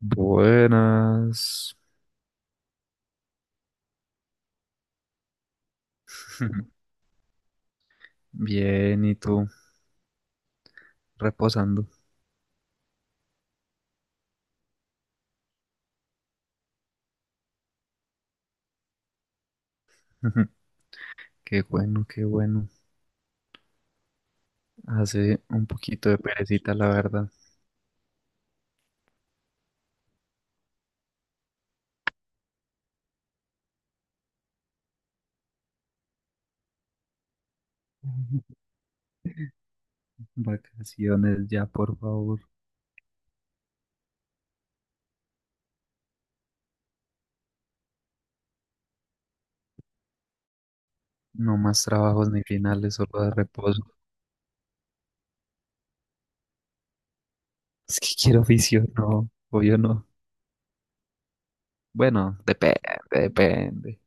Buenas. Bien, ¿y tú? Reposando. Qué bueno, qué bueno. Hace un poquito de perecita, la verdad. Vacaciones ya, por favor. No más trabajos ni finales, solo de reposo. Es que quiero oficio, no, yo no. Bueno, depende, depende.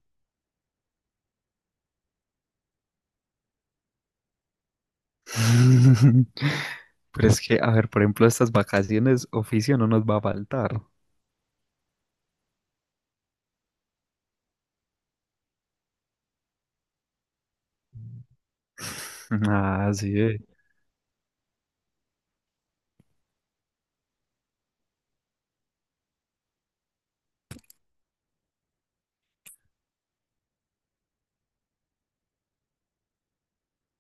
Pero es que, a ver, por ejemplo, estas vacaciones, oficio no nos va a faltar. Ah, sí,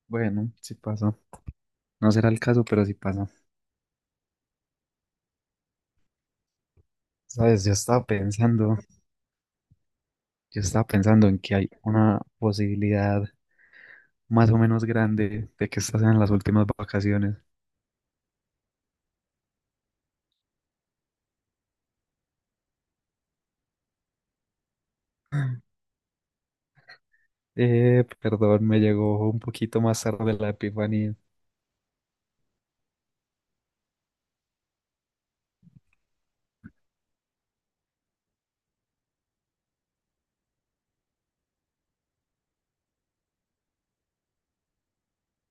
Bueno, sí pasa. No será el caso, pero sí pasa. Sabes, yo estaba pensando en que hay una posibilidad más o menos grande de que estas sean las últimas vacaciones. Perdón, me llegó un poquito más tarde la epifanía,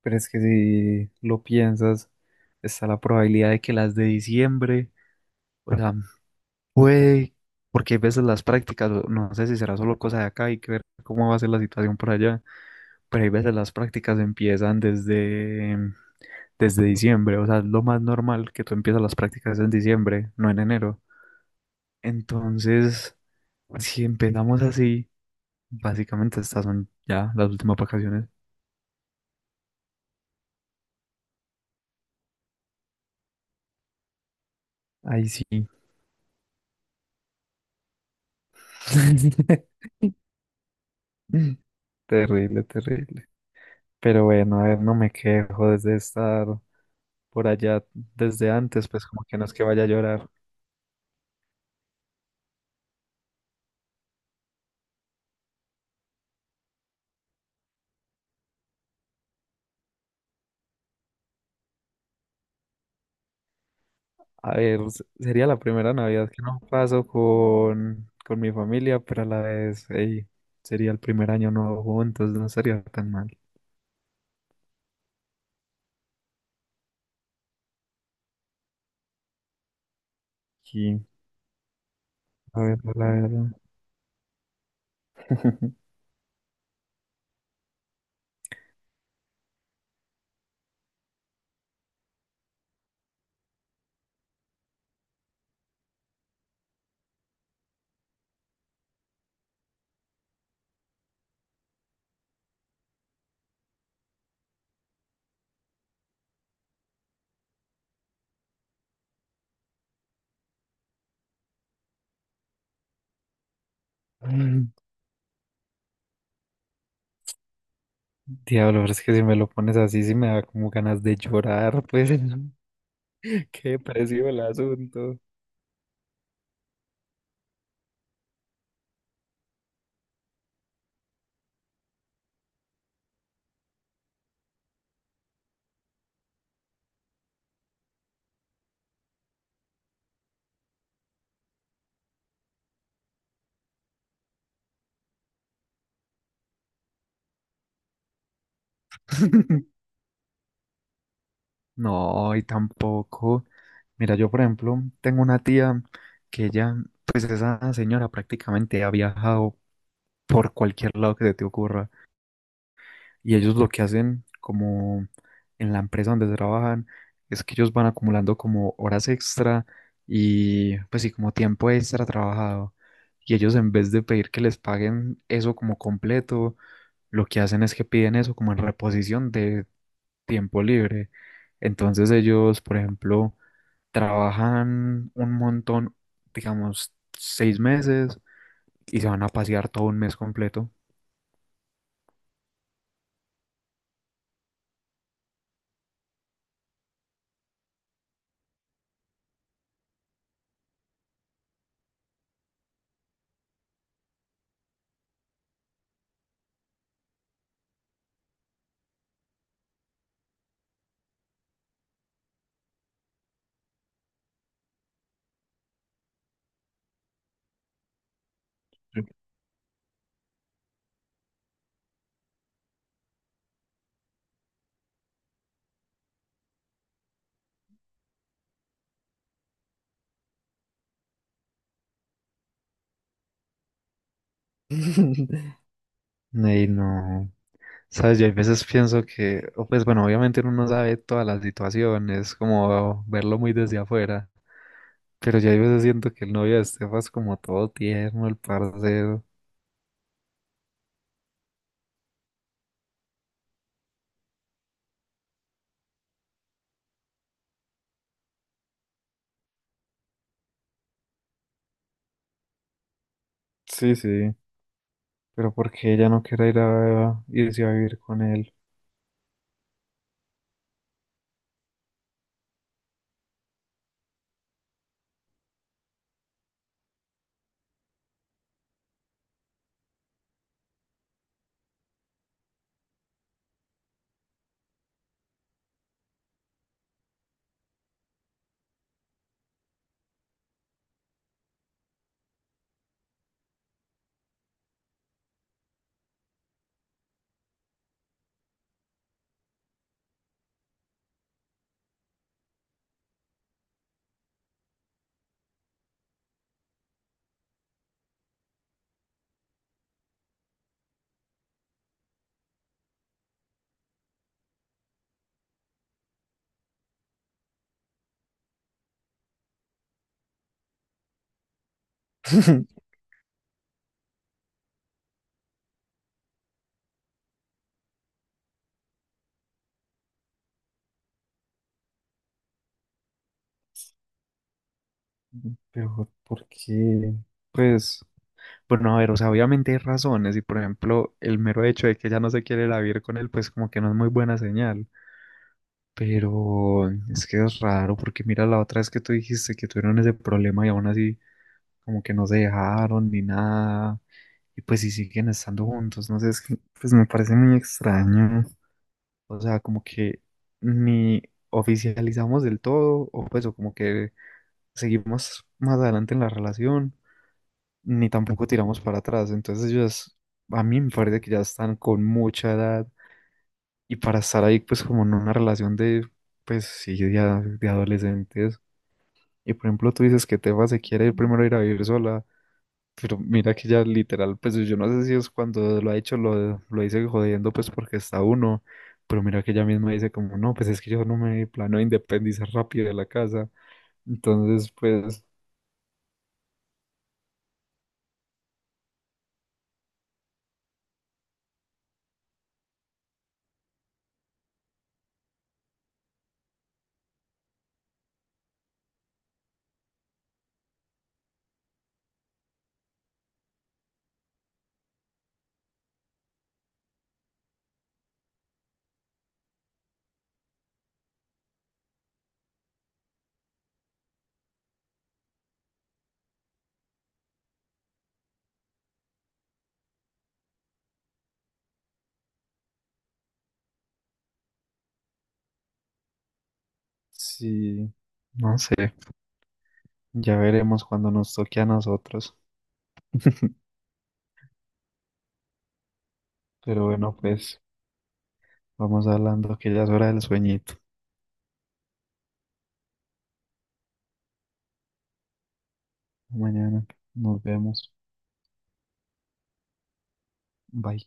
pero es que si lo piensas, está la probabilidad de que las de diciembre, o sea, puede, porque hay veces las prácticas, o no sé si será solo cosa de acá, hay que ver cómo va a ser la situación por allá, pero hay veces las prácticas empiezan desde diciembre, o sea, es lo más normal que tú empiezas las prácticas en diciembre, no en enero. Entonces, si empezamos así, básicamente estas son ya las últimas vacaciones. Ahí sí. Terrible, terrible. Pero bueno, a ver, no me quejo desde estar por allá desde antes, pues como que no es que vaya a llorar. A ver, sería la primera Navidad que no paso con mi familia, pero a la vez, ey, sería el primer año nuevo juntos, no sería tan mal. Y, a ver, la verdad. Diablo, pero es que si me lo pones así, sí me da como ganas de llorar, pues. Qué depresivo el asunto. No, y tampoco. Mira, yo por ejemplo tengo una tía que ella, pues esa señora prácticamente ha viajado por cualquier lado que se te ocurra. Y ellos lo que hacen como en la empresa donde trabajan es que ellos van acumulando como horas extra y pues sí, como tiempo extra trabajado. Y ellos en vez de pedir que les paguen eso como completo, lo que hacen es que piden eso como en reposición de tiempo libre. Entonces ellos, por ejemplo, trabajan un montón, digamos, seis meses y se van a pasear todo un mes completo. Ey, no. Sabes, yo a veces pienso que, o pues bueno, obviamente uno no sabe todas las situaciones, como verlo muy desde afuera, pero yo a veces siento que el novio de Estefa es como todo tierno, el parcero. Sí, sí, pero ¿por qué ella no quiere ir a irse a vivir con él? Pero ¿por qué? Pues, bueno, a ver, o sea, obviamente hay razones y por ejemplo, el mero hecho de que ella no se quiere ir a vivir con él, pues como que no es muy buena señal. Pero es que es raro porque mira la otra vez que tú dijiste que tuvieron ese problema y aún así como que no se dejaron ni nada. Y pues si siguen estando juntos, no sé, es que pues me parece muy extraño. O sea, como que ni oficializamos del todo o pues o como que seguimos más adelante en la relación ni tampoco tiramos para atrás. Entonces ellos a mí me parece que ya están con mucha edad y para estar ahí, pues como en una relación de, pues sí, de, de adolescentes. Y por ejemplo, tú dices que Tefa se quiere ir primero ir a vivir sola, pero mira que ya literal, pues yo no sé si es cuando lo ha hecho, lo dice jodiendo, pues porque está uno, pero mira que ella misma dice como, no, pues es que yo no me planeo independizar rápido de la casa. Entonces, pues sí, no sé, ya veremos cuando nos toque a nosotros. Pero bueno, pues vamos hablando que ya es hora del sueñito. Mañana nos vemos. Bye.